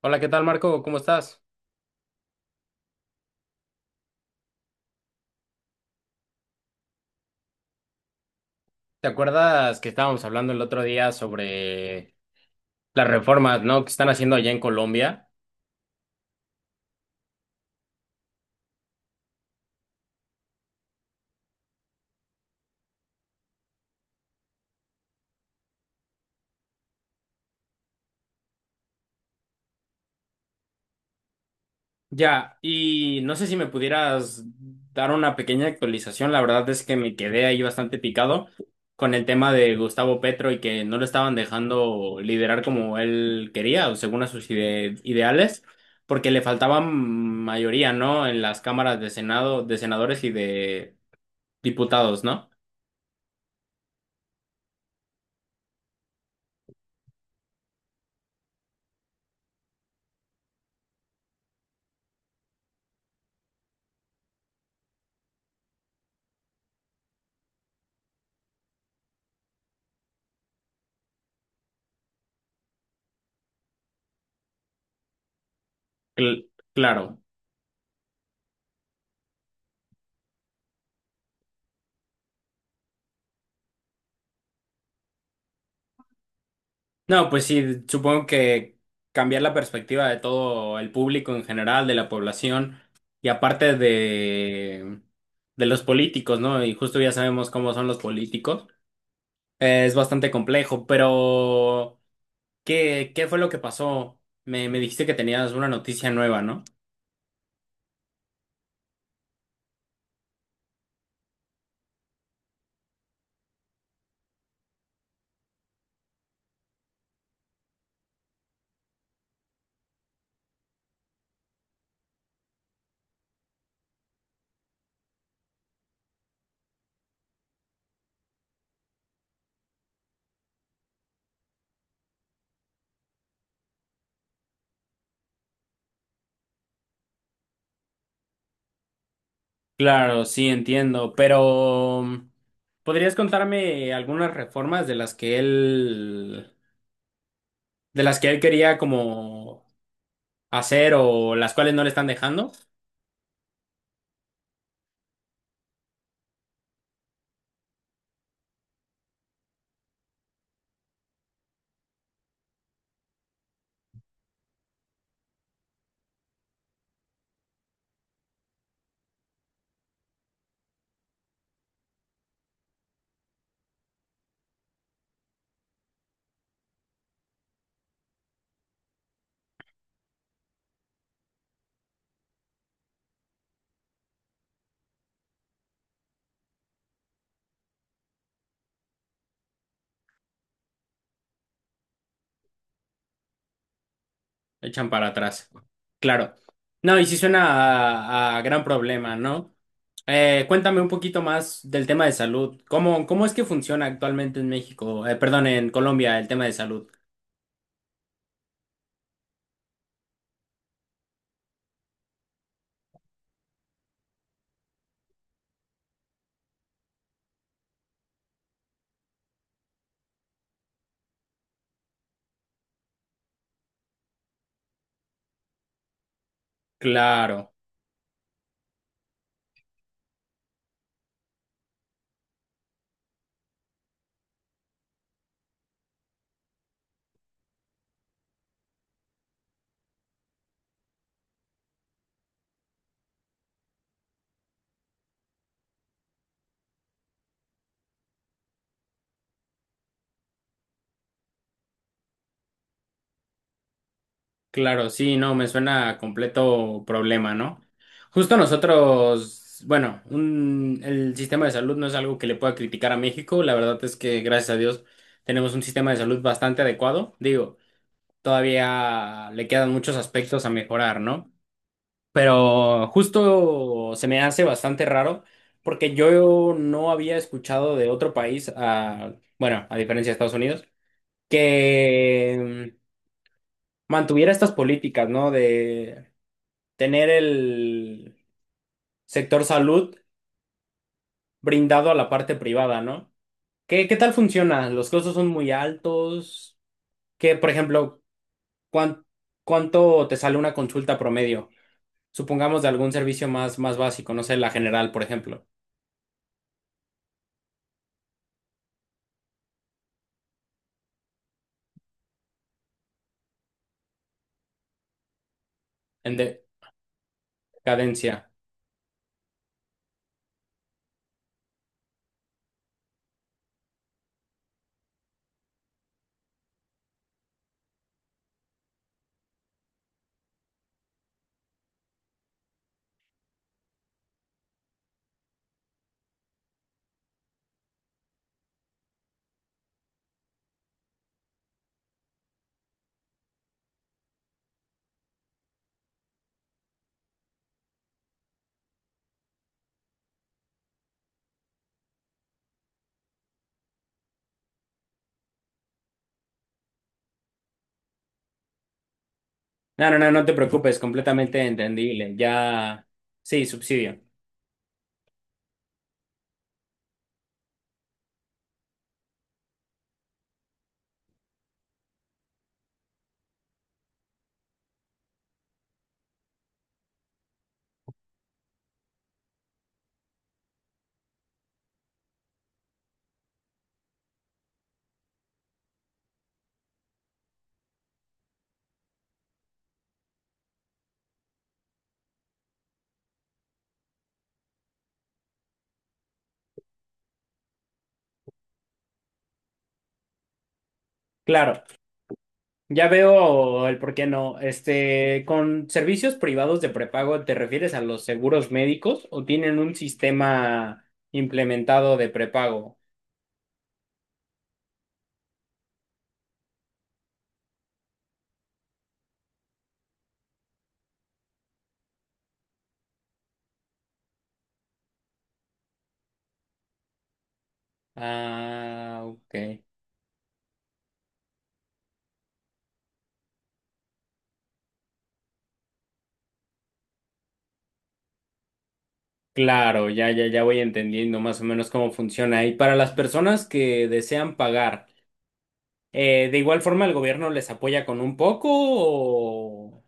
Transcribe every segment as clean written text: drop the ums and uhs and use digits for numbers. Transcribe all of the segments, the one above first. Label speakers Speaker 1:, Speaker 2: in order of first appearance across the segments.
Speaker 1: Hola, ¿qué tal, Marco? ¿Cómo estás? ¿Te acuerdas que estábamos hablando el otro día sobre las reformas, ¿no? que están haciendo allá en Colombia? Ya, y no sé si me pudieras dar una pequeña actualización. La verdad es que me quedé ahí bastante picado con el tema de Gustavo Petro y que no lo estaban dejando liderar como él quería o según a sus ideales, porque le faltaban mayoría, ¿no? En las cámaras de Senado, de senadores y de diputados, ¿no? Cl- claro. No, pues sí, supongo que cambiar la perspectiva de todo el público en general, de la población y de los políticos, ¿no? Y justo ya sabemos cómo son los políticos. Es bastante complejo, pero ¿qué fue lo que pasó? Me dijiste que tenías una noticia nueva, ¿no? Claro, sí, entiendo, pero ¿podrías contarme algunas reformas de las que él quería como hacer o las cuales no le están dejando? Echan para atrás. Claro. No, y sí suena a gran problema, ¿no? Cuéntame un poquito más del tema de salud. ¿Cómo es que funciona actualmente en México? Perdón, en Colombia, el tema de salud. Claro, claro, sí, no, me suena a completo problema, ¿no? Justo nosotros, bueno, el sistema de salud no es algo que le pueda criticar a México. La verdad es que, gracias a Dios, tenemos un sistema de salud bastante adecuado. Digo, todavía le quedan muchos aspectos a mejorar, ¿no? Pero justo se me hace bastante raro porque yo no había escuchado de otro país, a, bueno, a diferencia de Estados Unidos, que mantuviera estas políticas, ¿no? De tener el sector salud brindado a la parte privada, ¿no? ¿Qué, qué tal funciona? ¿Los costos son muy altos? ¿Qué, por ejemplo, cuán- cuánto te sale una consulta promedio? Supongamos de algún servicio más, más básico, no sé, la general, por ejemplo. Cadencia. No, no, no, no te preocupes, completamente entendible. Ya, sí, subsidio. Claro, ya veo el por qué no. Este, con servicios privados de prepago, ¿te refieres a los seguros médicos o tienen un sistema implementado de prepago? Ah, ok. Claro, ya, ya, ya voy entendiendo más o menos cómo funciona. Y para las personas que desean pagar, ¿de igual forma el gobierno les apoya con un poco o...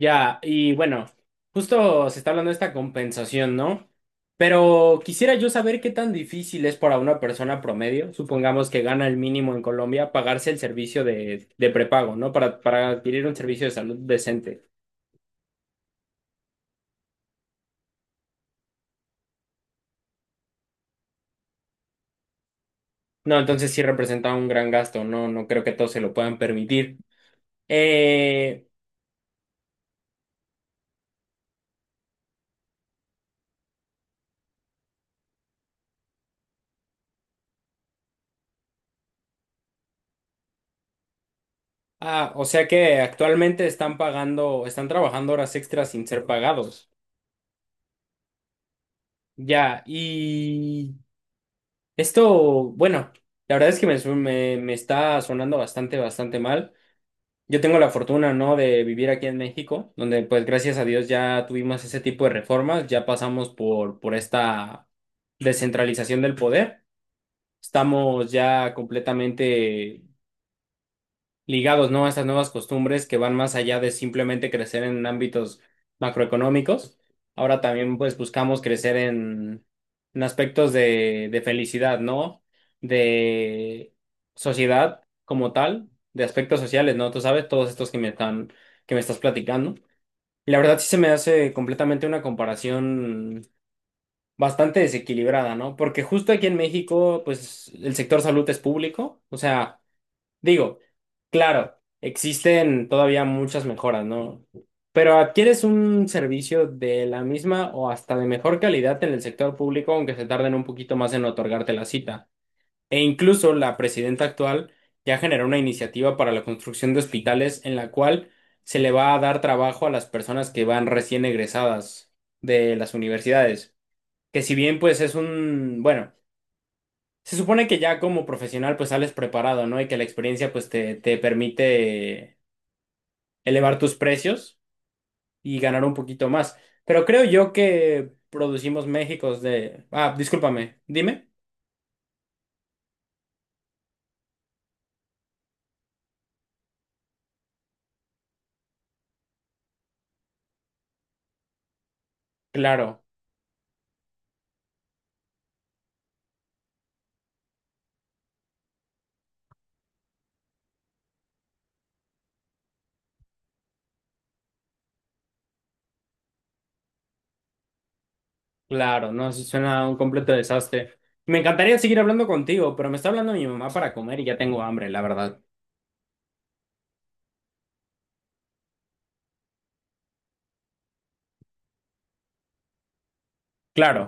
Speaker 1: Ya, y bueno, justo se está hablando de esta compensación, ¿no? Pero quisiera yo saber qué tan difícil es para una persona promedio, supongamos que gana el mínimo en Colombia, pagarse el servicio de prepago, ¿no? Para adquirir un servicio de salud decente. No, entonces sí representa un gran gasto, no, no creo que todos se lo puedan permitir. Eh, ah, o sea que actualmente están pagando, están trabajando horas extras sin ser pagados. Ya, y... Esto, bueno, la verdad es que me está sonando bastante, bastante mal. Yo tengo la fortuna, ¿no?, de vivir aquí en México, donde pues gracias a Dios ya tuvimos ese tipo de reformas, ya pasamos por esta descentralización del poder. Estamos ya completamente ligados, ¿no? A estas nuevas costumbres que van más allá de simplemente crecer en ámbitos macroeconómicos. Ahora también, pues, buscamos crecer en aspectos de felicidad, ¿no? De sociedad como tal, de aspectos sociales, ¿no? Tú sabes, todos estos que me estás platicando. Y la verdad sí se me hace completamente una comparación bastante desequilibrada, ¿no? Porque justo aquí en México, pues, el sector salud es público, o sea... Digo, claro, existen todavía muchas mejoras, ¿no? Pero adquieres un servicio de la misma o hasta de mejor calidad en el sector público, aunque se tarden un poquito más en otorgarte la cita. E incluso la presidenta actual ya generó una iniciativa para la construcción de hospitales en la cual se le va a dar trabajo a las personas que van recién egresadas de las universidades. Que si bien pues es un, bueno. Se supone que ya como profesional pues sales preparado, ¿no? Y que la experiencia pues te permite elevar tus precios y ganar un poquito más. Pero creo yo que producimos México de... Ah, discúlpame, dime. Claro, claro, no, eso suena a un completo desastre. Me encantaría seguir hablando contigo, pero me está hablando mi mamá para comer y ya tengo hambre, la verdad. Claro.